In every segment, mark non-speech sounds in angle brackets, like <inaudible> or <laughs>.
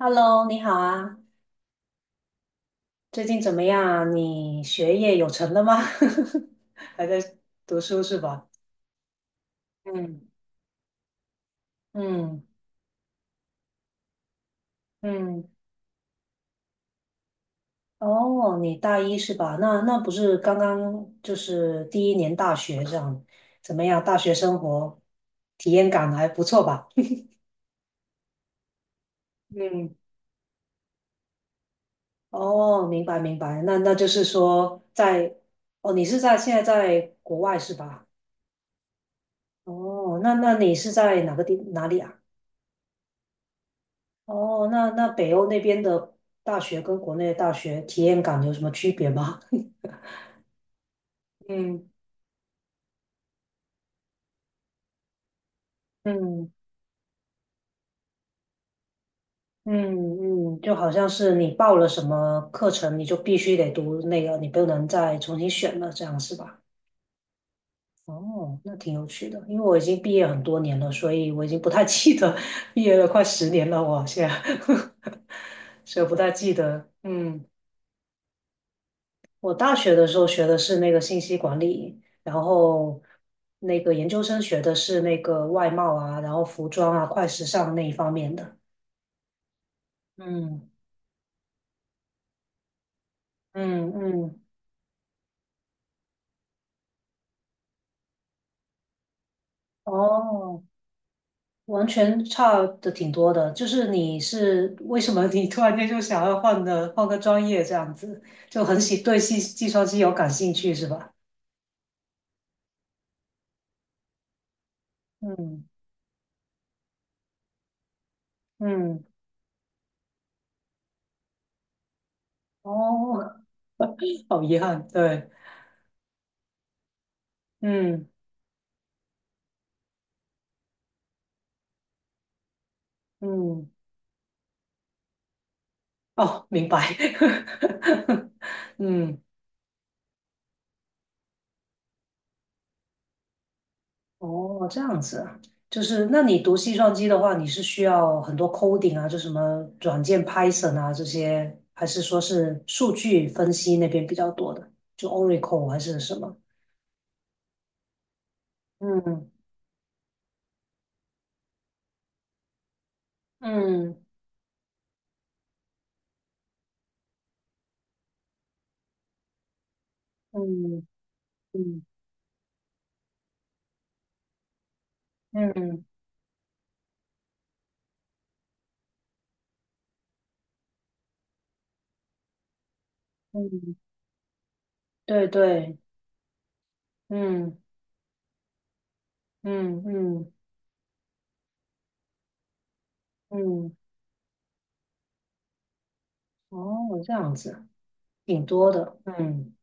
Hello，你好啊，最近怎么样啊？你学业有成了吗？<laughs> 还在读书是吧？嗯嗯嗯，哦，你大一是吧？那不是刚刚就是第一年大学这样，怎么样？大学生活体验感还不错吧？<laughs> 嗯，哦，明白明白，那就是说在，哦，你是在现在在国外是吧？哦，那你是在哪个地哪里啊？哦，那北欧那边的大学跟国内的大学体验感有什么区别吗？<laughs> 嗯。嗯嗯嗯，就好像是你报了什么课程，你就必须得读那个，你不能再重新选了，这样是吧？哦，那挺有趣的，因为我已经毕业很多年了，所以我已经不太记得 <laughs> 毕业了快10年了，我现在，<laughs> 所以不太记得。嗯我大学的时候学的是那个信息管理，然后那个研究生学的是那个外贸啊，然后服装啊、快时尚那一方面的。嗯嗯嗯，哦，完全差的挺多的。就是你是为什么你突然间就想要换个专业这样子，就对计算机有感兴趣是吧？嗯嗯，哦，<laughs> 好遗憾，对，嗯嗯。哦，明白。<laughs> 嗯，哦，这样子啊，就是那你读计算机的话，你是需要很多 coding 啊，就什么软件 Python 啊这些，还是说是数据分析那边比较多的，就 Oracle 还是什么？嗯嗯嗯嗯嗯嗯，对对，嗯嗯嗯嗯，哦，这样子啊，挺多的，嗯。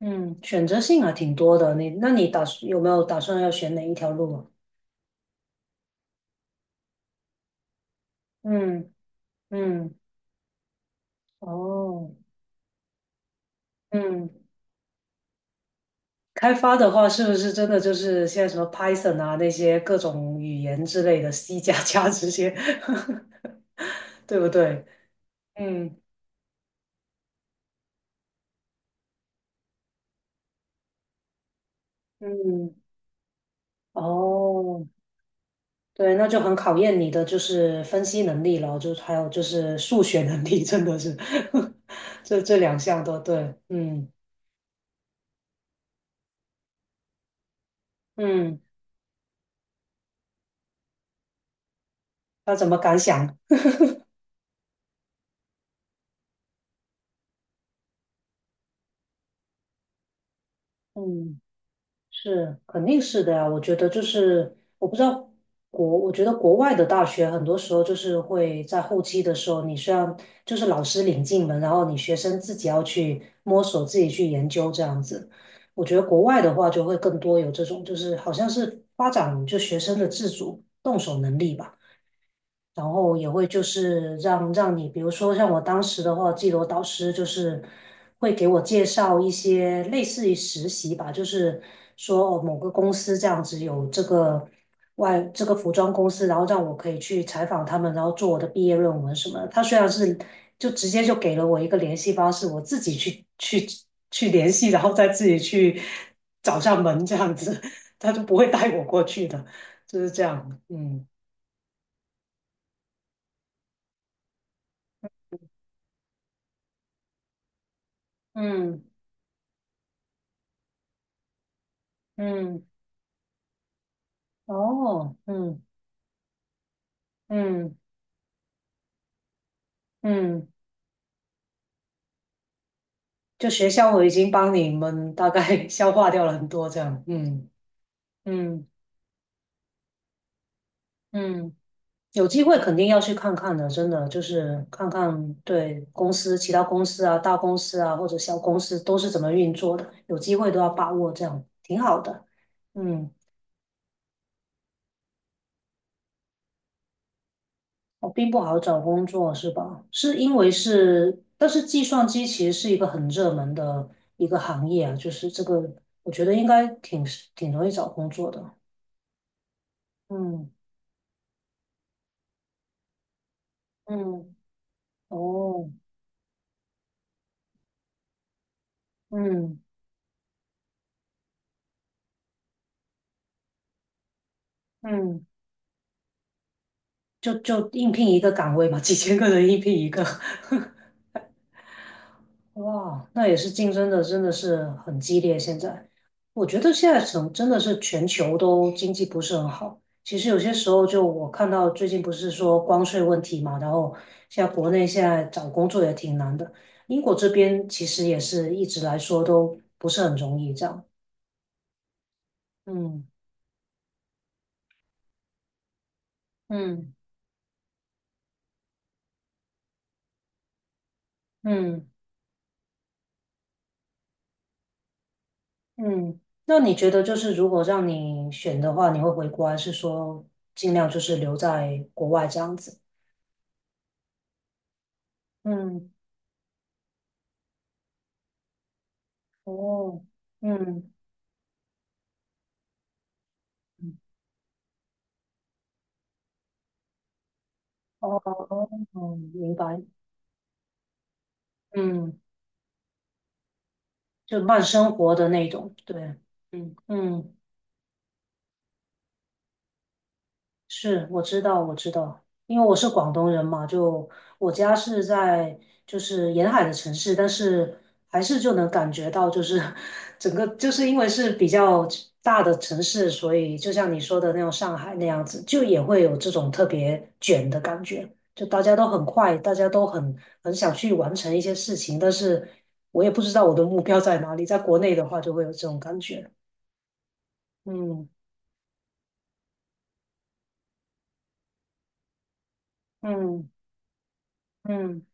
嗯，选择性还挺多的。那你有没有打算要选哪一条路啊？嗯嗯，哦，嗯，开发的话，是不是真的就是现在什么 Python 啊那些各种语言之类的，C 加加这些，<laughs> 对不对？嗯嗯，哦，对，那就很考验你的就是分析能力了，就还有就是数学能力，真的是，<laughs> 这两项都对。嗯嗯，要怎么敢想？嗯。是，肯定是的呀。我觉得就是，我不知道我觉得国外的大学很多时候就是会在后期的时候，你虽然就是老师领进门，然后你学生自己要去摸索、自己去研究这样子。我觉得国外的话就会更多有这种，就是好像是发展就学生的自主动手能力吧。然后也会就是让你，比如说像我当时的话，记得我导师就是会给我介绍一些类似于实习吧，就是说哦某个公司这样子有这个外这个服装公司，然后让我可以去采访他们，然后做我的毕业论文什么的他虽然是就直接就给了我一个联系方式，我自己去联系，然后再自己去找上门这样子，<laughs> 他就不会带我过去的，就是这样，嗯嗯。嗯，哦，嗯嗯嗯，就学校我已经帮你们大概 <laughs> 消化掉了很多，这样，嗯嗯嗯，有机会肯定要去看看的，真的就是看看对公司、其他公司啊、大公司啊或者小公司都是怎么运作的，有机会都要把握，这样挺好的，嗯。我并不好找工作是吧？是因为是，但是计算机其实是一个很热门的一个行业啊，就是这个，我觉得应该挺容易找工作的。嗯嗯，哦，嗯嗯，就应聘一个岗位嘛，几千个人应聘一个。<laughs> 哇，那也是竞争的，真的是很激烈。现在，我觉得现在真的是全球都经济不是很好。其实有些时候，就我看到最近不是说关税问题嘛，然后现在国内现在找工作也挺难的。英国这边其实也是一直来说都不是很容易这样。嗯嗯嗯嗯。那你觉得就是如果让你选的话，你会回国还是说尽量就是留在国外这样子？嗯。哦，嗯，哦，哦，哦明白，嗯，就慢生活的那种，对，嗯嗯。是，我知道，我知道，因为我是广东人嘛，就我家是在就是沿海的城市，但是还是就能感觉到，就是 <laughs> 整个就是因为是比较大的城市，所以就像你说的那种上海那样子，就也会有这种特别卷的感觉，就大家都很快，大家都很想去完成一些事情，但是我也不知道我的目标在哪里，在国内的话就会有这种感觉，嗯嗯嗯嗯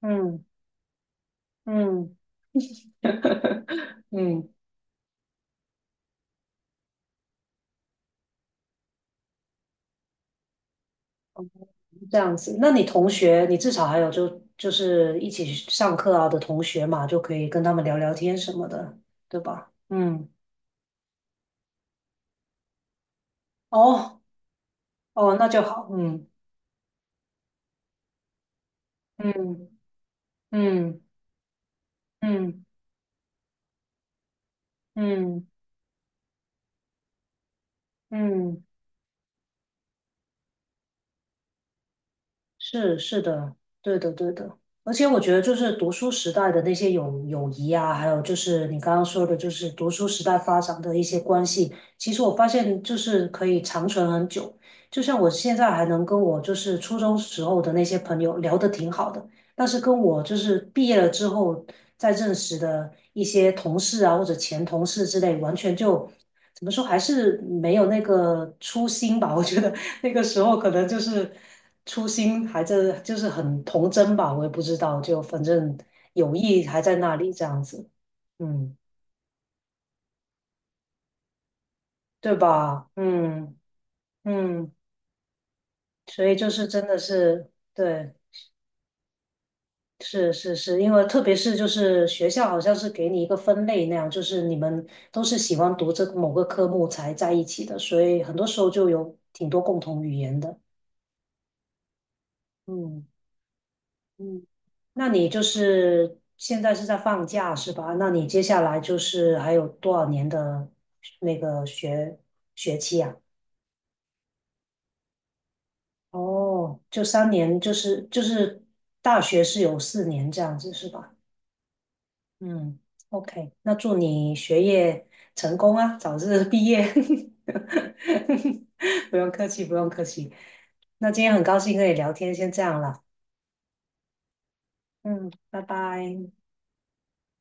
嗯。嗯 <laughs> 嗯，这样子。那你同学，你至少还有就是一起上课啊的同学嘛，就可以跟他们聊聊天什么的，对吧？嗯，哦哦，那就好。嗯嗯嗯嗯嗯嗯。嗯是是的，对的对的，而且我觉得就是读书时代的那些友谊啊，还有就是你刚刚说的，就是读书时代发展的一些关系，其实我发现就是可以长存很久。就像我现在还能跟我就是初中时候的那些朋友聊得挺好的，但是跟我就是毕业了之后再认识的一些同事啊或者前同事之类，完全就怎么说还是没有那个初心吧，我觉得那个时候可能就是初心还在，就是很童真吧，我也不知道，就反正友谊还在那里这样子，嗯，对吧？嗯嗯，所以就是真的是对，是是是，因为特别是就是学校好像是给你一个分类那样，就是你们都是喜欢读这某个科目才在一起的，所以很多时候就有挺多共同语言的，嗯。嗯，那你就是现在是在放假是吧？那你接下来就是还有多少年的那个学期啊？哦，就3年，就是大学是有4年这样子是吧？嗯，OK，那祝你学业成功啊，早日毕业。<laughs> 不用客气，不用客气。那今天很高兴跟你聊天，先这样了。嗯，拜拜。